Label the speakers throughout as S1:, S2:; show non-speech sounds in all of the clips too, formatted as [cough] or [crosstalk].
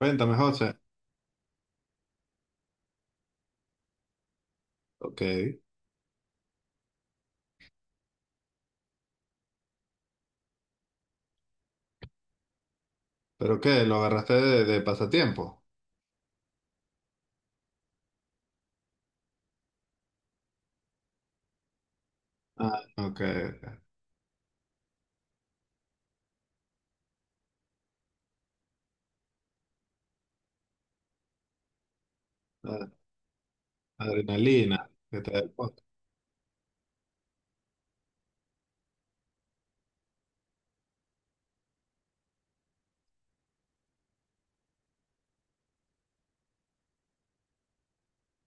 S1: Cuéntame, José. Ok. ¿Pero qué? ¿Lo agarraste de pasatiempo? Ah, ok. Ah, Adrenalina. ¿Qué te da el póker?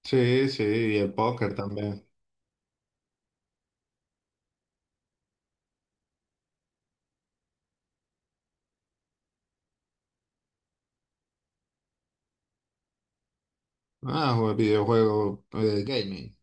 S1: Sí, sí, y el póker también. Ah, juego videojuego gaming.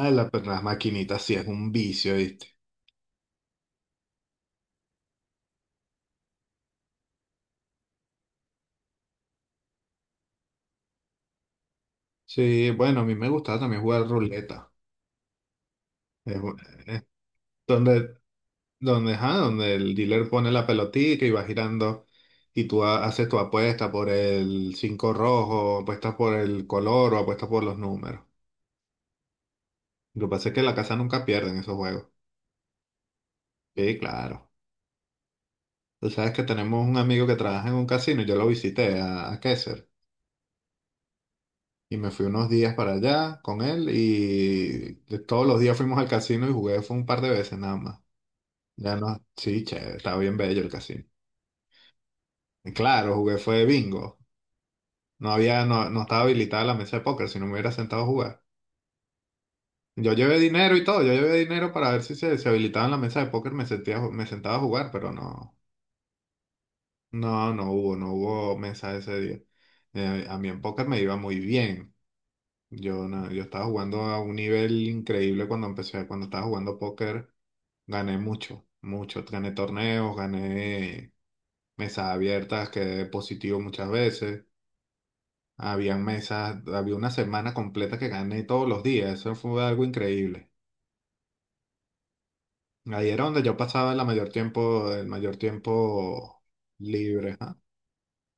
S1: Ah, las maquinitas sí es un vicio, ¿viste? Sí, bueno, a mí me gustaba también jugar ruleta. Es, bu- es donde, donde, ajá, donde el dealer pone la pelotita y va girando y tú haces tu apuesta por el cinco rojo, apuestas por el color o apuestas por los números. Lo que pasa es que la casa nunca pierde en esos juegos. Sí, claro. Tú sabes que tenemos un amigo que trabaja en un casino y yo lo visité a Kaiser. Y me fui unos días para allá con él y todos los días fuimos al casino y jugué fue un par de veces nada más. Ya no, sí, che, estaba bien bello el casino. Y claro, jugué fue bingo. No había, no, No estaba habilitada la mesa de póker, si no me hubiera sentado a jugar. Yo llevé dinero y todo, yo llevé dinero para ver si se, se habilitaba en la mesa de póker, me sentía, me sentaba a jugar, pero no. No, no hubo, no hubo mesa ese día. A mí en póker me iba muy bien. Yo, no, Yo estaba jugando a un nivel increíble cuando empecé, cuando estaba jugando póker, gané mucho, mucho. Gané torneos, gané mesas abiertas, quedé positivo muchas veces. Habían mesas, había una semana completa que gané todos los días. Eso fue algo increíble. Ahí era donde yo pasaba la mayor tiempo, el mayor tiempo libre, ¿ah?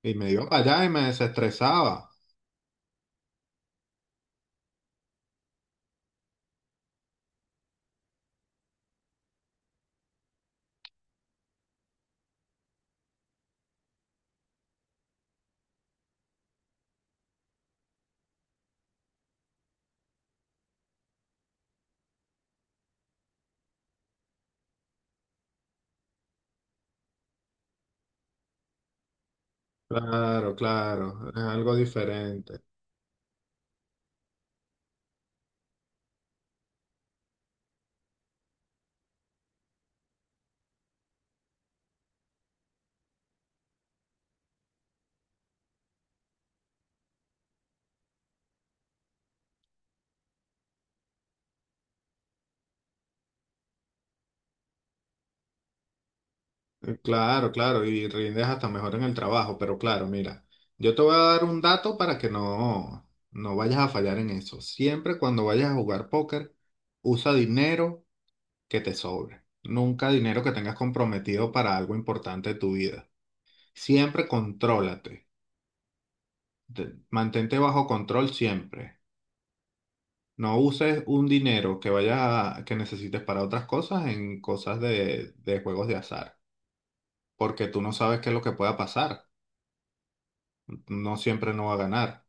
S1: Y me iba para allá y me desestresaba. Claro, claro, es algo diferente. Claro, claro, y rindes hasta mejor en el trabajo, pero claro, mira, yo te voy a dar un dato para que no vayas a fallar en eso. Siempre cuando vayas a jugar póker, usa dinero que te sobre. Nunca dinero que tengas comprometido para algo importante de tu vida. Siempre contrólate. Mantente bajo control siempre. No uses un dinero que que necesites para otras cosas en cosas de juegos de azar, porque tú no sabes qué es lo que pueda pasar. No siempre no va a ganar.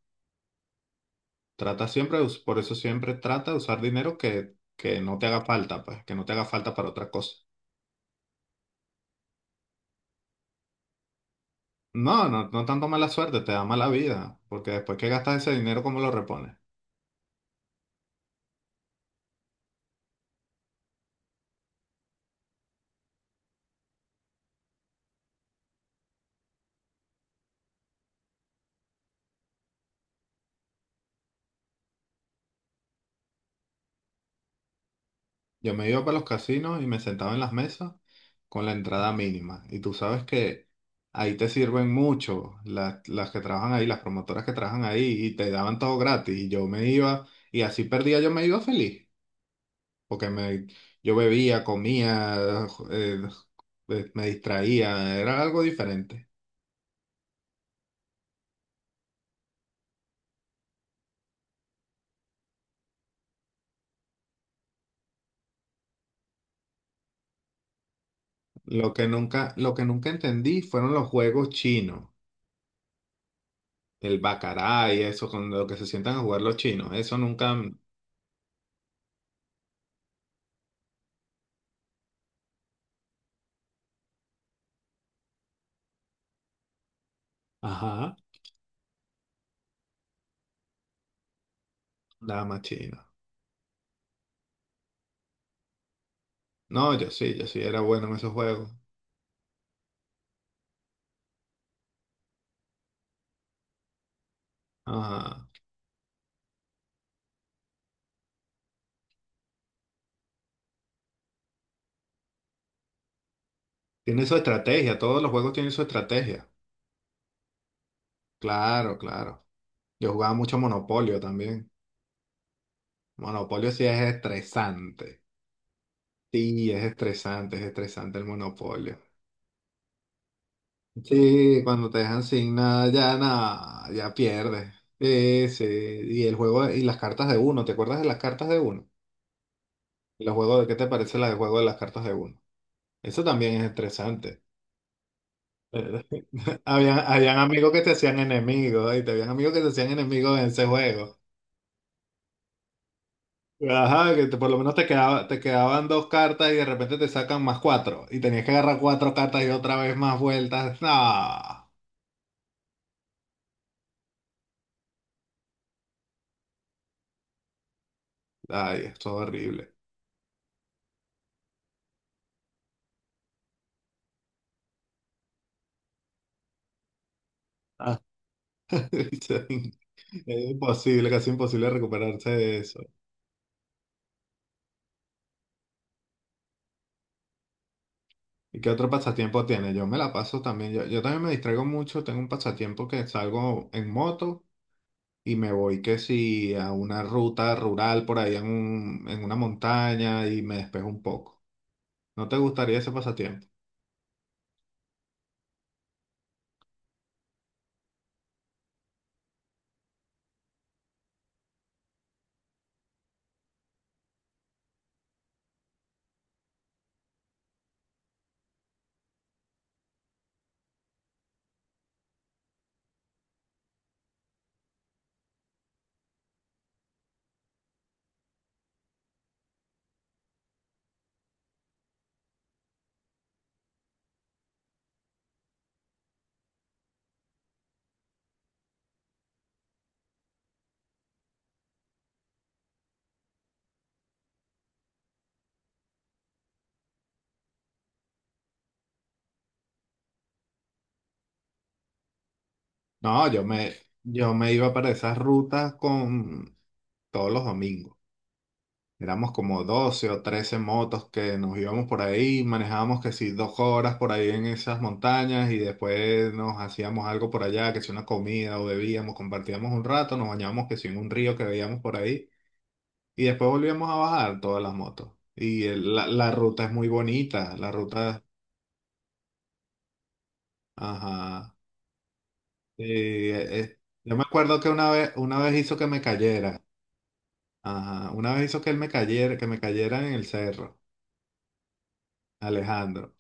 S1: Trata siempre, por eso siempre trata de usar dinero que no te haga falta, pues, que no te haga falta para otra cosa. No, no, no tanto mala suerte, te da mala vida, porque después que gastas ese dinero, ¿cómo lo repones? Yo me iba para los casinos y me sentaba en las mesas con la entrada mínima. Y tú sabes que ahí te sirven mucho las que trabajan ahí, las promotoras que trabajan ahí, y te daban todo gratis. Y yo me iba, y así perdía, yo me iba feliz, porque yo bebía, comía, eh, me distraía, era algo diferente. Lo que nunca entendí fueron los juegos chinos, el baccarat y eso, con lo que se sientan a jugar los chinos, eso nunca. Ajá, nada más chino. No, yo sí, yo sí era bueno en esos juegos. Ajá. Tiene su estrategia, todos los juegos tienen su estrategia. Claro, claro. Yo jugaba mucho Monopolio también. Monopolio sí es estresante. Sí, es estresante el monopolio. Sí, cuando te dejan sin nada, ya nada, ya pierdes. Sí, sí. Y el juego y las cartas de uno, ¿te acuerdas de las cartas de uno? Y los juegos de qué te parece la de juego de las cartas de uno. Eso también es estresante. Eh, [laughs] habían amigos que te hacían enemigos, y te habían amigos que te hacían enemigos en ese juego. Ajá, por lo menos te quedaban dos cartas y de repente te sacan más cuatro. Y tenías que agarrar cuatro cartas y otra vez más vueltas. No. Ay, es todo horrible. Ah, [laughs] Es imposible, casi imposible recuperarse de eso. ¿Y qué otro pasatiempo tiene? Yo me la paso también, yo también me distraigo mucho, tengo un pasatiempo que salgo en moto y me voy que si a una ruta rural por ahí en una montaña y me despejo un poco. ¿No te gustaría ese pasatiempo? No, yo me, Yo me iba para esas rutas con todos los domingos. Éramos como 12 o 13 motos que nos íbamos por ahí, manejábamos que si 2 horas por ahí en esas montañas y después nos hacíamos algo por allá, que si una comida o bebíamos, compartíamos un rato, nos bañábamos que si en un río que veíamos por ahí y después volvíamos a bajar todas las motos. Y la ruta es muy bonita, la ruta, ajá. Sí, yo me acuerdo que una vez hizo que me cayera, ajá, una vez hizo que él me cayera, que me cayera en el cerro, Alejandro,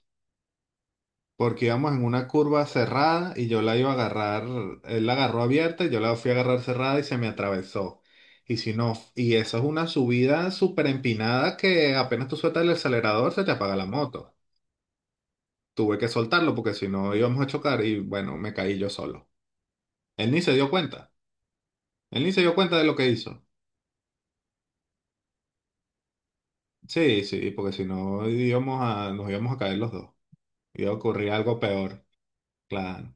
S1: porque íbamos en una curva cerrada y yo la iba a agarrar, él la agarró abierta y yo la fui a agarrar cerrada y se me atravesó. Y si no, y eso es una subida súper empinada que apenas tú sueltas el acelerador se te apaga la moto. Tuve que soltarlo porque si no íbamos a chocar y bueno, me caí yo solo. Él ni se dio cuenta. Él ni se dio cuenta de lo que hizo. Sí, sí, porque si no nos íbamos a caer los dos. Iba a ocurrir algo peor. Claro.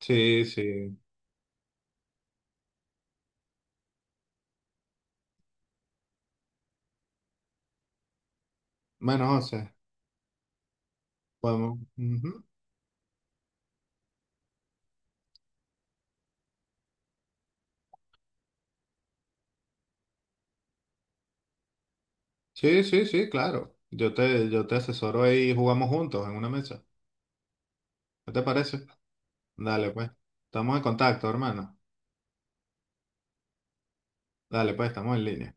S1: Sí, sí. Bueno, o sea, podemos. Ujú. Sí, sí, sí, claro. Yo te asesoro ahí y jugamos juntos en una mesa. ¿Qué te parece? Dale, pues. Estamos en contacto, hermano. Dale, pues, estamos en línea.